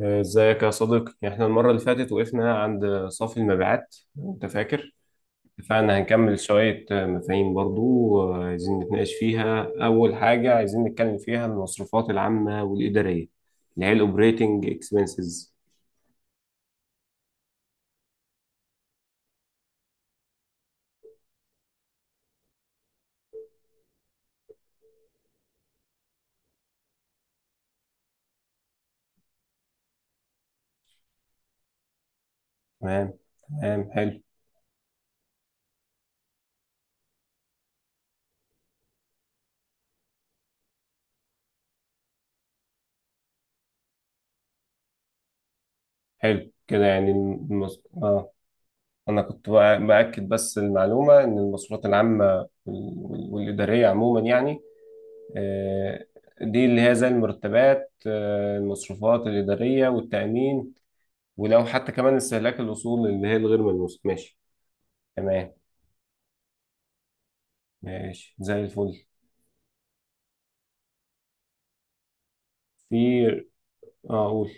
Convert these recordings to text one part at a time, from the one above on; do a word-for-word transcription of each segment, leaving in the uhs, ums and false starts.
ازيك يا صديقي؟ احنا المرة اللي فاتت وقفنا عند صافي المبيعات، انت فاكر؟ اتفقنا هنكمل شوية مفاهيم برضو، عايزين نتناقش فيها. اول حاجة عايزين نتكلم فيها المصروفات العامة والإدارية، اللي هي الاوبريتنج اكسبنسز. تمام، تمام، حلو. حلو كده، يعني المص... اه انا كنت بأ- بأكد بس المعلومة ان المصروفات العامة وال- وال- والإدارية عموما يعني. آه، دي اللي هي زي المرتبات، آه، المصروفات الإدارية والتأمين. ولو حتى كمان استهلاك الأصول اللي هي الغير ملموسة، ماشي. تمام، ماشي زي الفل. في، اه قول.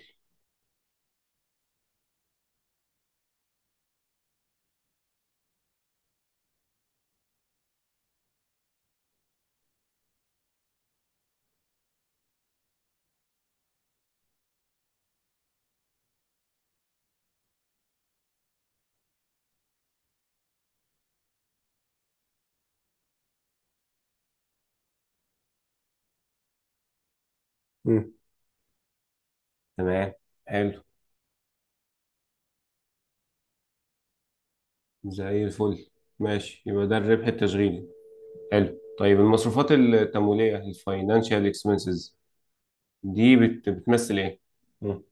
مم. تمام، حلو زي الفل. ماشي، يبقى ده الربح التشغيلي. حلو. طيب، المصروفات التمويلية، الفاينانشال اكسبنسز، دي بت... بتمثل ايه؟ مم.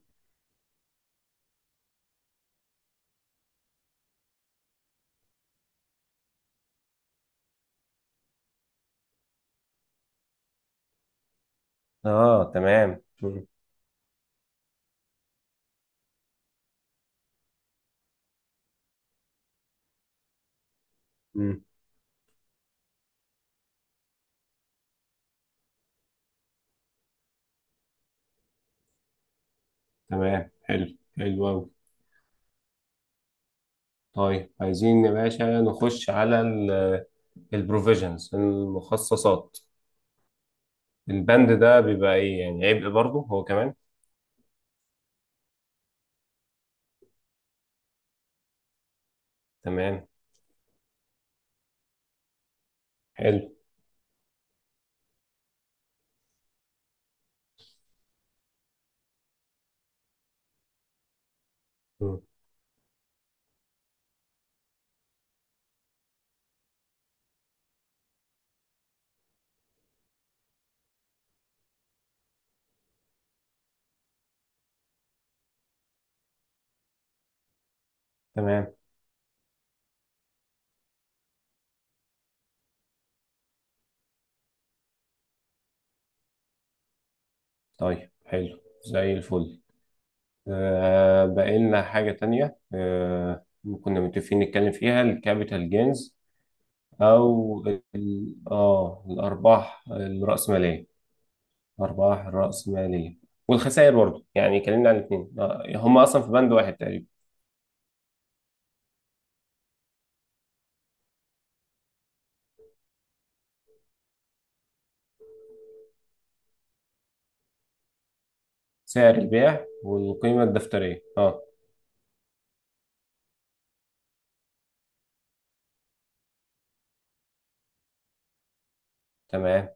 اه، تمام. مم. مم. تمام، حلو حلو أوي. طيب، عايزين يا باشا نخش على البروفيجنز، المخصصات. البند ده بيبقى ايه، يعني عبء برضه هو كمان؟ تمام، حلو. مم. تمام. طيب، حلو زي الفل. آه بقى لنا حاجة تانية. آه كنا متفقين نتكلم فيها الكابيتال جينز، او ال- اه الارباح الرأسمالية. ارباح الرأسمالية والخسائر برضه، يعني اتكلمنا عن الاثنين. آه هم اصلا في بند واحد تقريبا. سعر البيع والقيمة الدفترية، اه. تمام.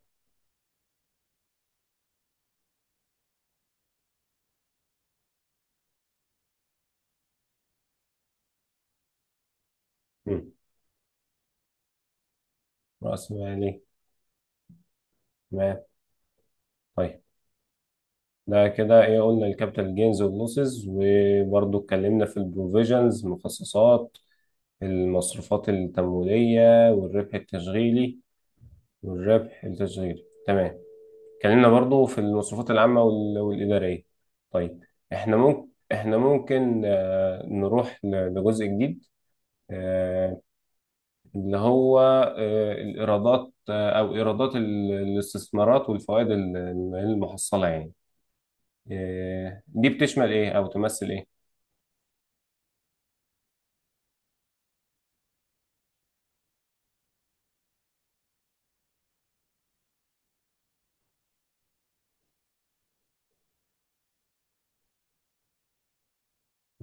مم. رأس مالي. تمام. طيب. ده كده ايه، قلنا الكابيتال جينز واللوسز، وبرضه اتكلمنا في البروفيجنز، مخصصات، المصروفات التمويلية، والربح التشغيلي. والربح التشغيلي، تمام. اتكلمنا برضه في المصروفات العامة وال- والإدارية. طيب، احنا ممكن احنا ممكن آه، نروح ل- لجزء جديد آه، اللي هو آه، الإيرادات، آه، أو إيرادات ال- الاستثمارات، والفوائد ال- ال- المحصلة يعني. آه، دي بتشمل إيه أو تمثل إيه؟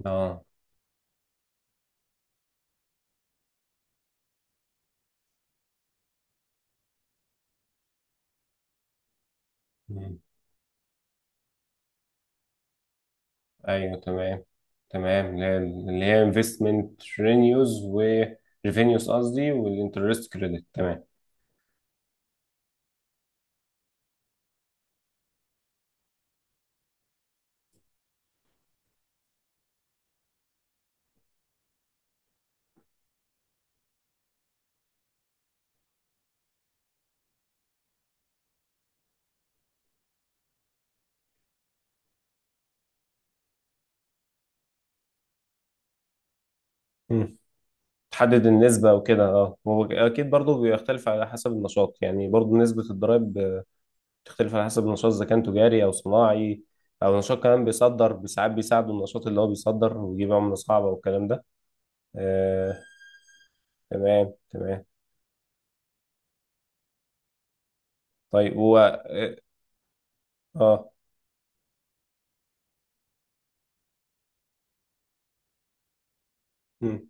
آه. مم. أيوه، تمام. تمام، اللي هي اللي هي investment revenues و revenues، قصدي والinterest credit. تمام. مم. تحدد النسبة وكده. اه هو أكيد برضه بيختلف على حسب النشاط، يعني برضه نسبة الضرايب تختلف على حسب النشاط، اذا كان تجاري او صناعي. او نشاط كمان بيصدر، ساعات بيساعده النشاط اللي هو بيصدر ويجيب عملة صعبة والكلام ده. آه، تمام تمام. طيب. هو اه آه، مم.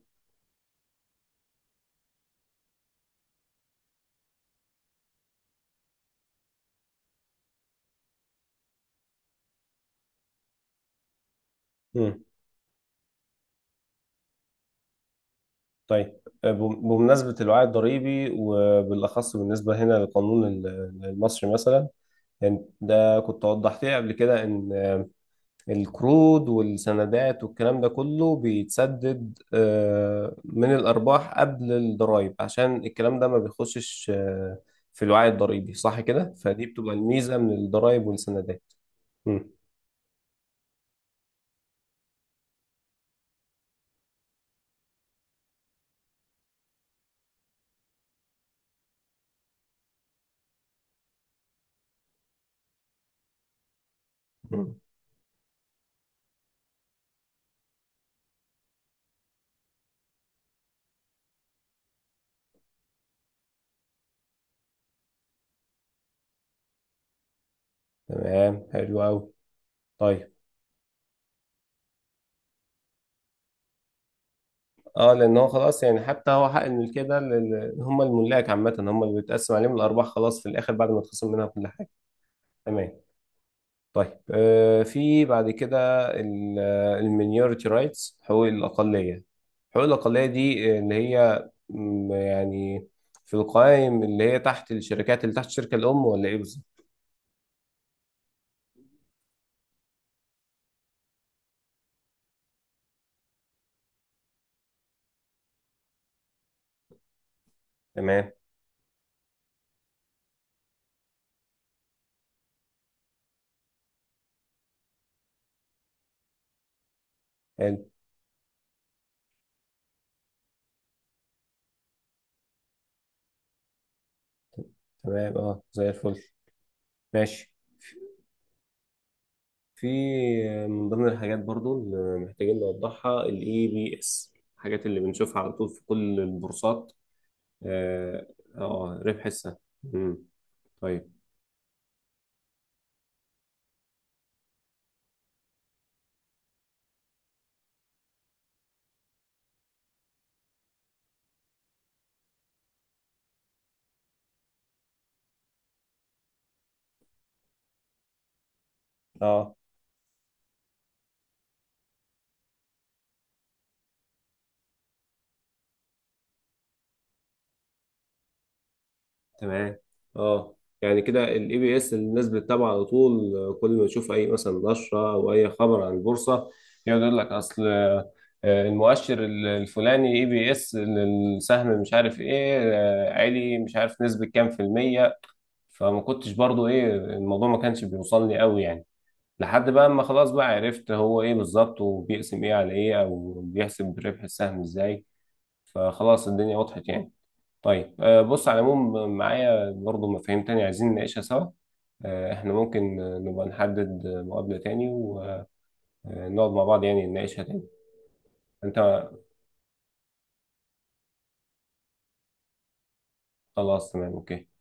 مم. طيب، آه، بم- بمناسبة الوعي الضريبي، وبالأخص بالنسبة هنا للقانون ال- المصري مثلا. يعني ده كنت وضحت لي قبل كده إن القروض والسندات والكلام ده كله بيتسدد آه، من الأرباح قبل الضرائب، عشان الكلام ده ما بيخشش آه، في الوعي الضريبي، صح كده؟ فدي بتبقى الميزة من الضرائب والسندات. مم. مم. تمام حلو أوي. طيب. اه، لان هو خلاص، يعني حتى هو حق الملكيه ده لل- هم الملاك عامه، هم اللي بيتقسم عليهم الارباح خلاص في الاخر، بعد ما تخصم منها كل حاجه. تمام. طيب، آه، في بعد كده المينيورتي رايتس، حقوق الأقلية حقوق الأقلية دي اللي هي م، يعني في القوائم اللي هي تحت الشركات، اللي تحت الشركة الأم، ولا إيه بالظبط؟ تمام. حلو. تمام، أه، زي الفل. ماشي. في آه، من ضمن الحاجات برضو اللي محتاجين نوضحها ال اي بي اس، الحاجات اللي بنشوفها على طول في كل البورصات. أه. آه، ربح السهم. مم. طيب. أه، تمام. اه، يعني كده الاي بي اس الناس بتتابعه على طول، آه، كل ما تشوف اي مثلا نشره او اي خبر عن البورصه، يقعد يقول لك اصل آه، آه، المؤشر ال- الفلاني اي بي اس السهم مش عارف ايه، آه، عالي، مش عارف نسبه كام في الميه. فما كنتش برضو، ايه، الموضوع ما كانش بيوصلني قوي يعني. لحد بقى اما خلاص بقى عرفت هو ايه بالظبط، وبيقسم ايه على ايه، او بيحسب ربح السهم ازاي. فخلاص الدنيا وضحت يعني. طيب، آه، بص على العموم معايا برضو مفاهيم تانية عايزين نناقشها سوا. آه، احنا ممكن آه، نبقى نحدد آه، مقابلة تاني ونقعد مع بعض، يعني نناقشها تاني. انت خلاص. تمام اوكي.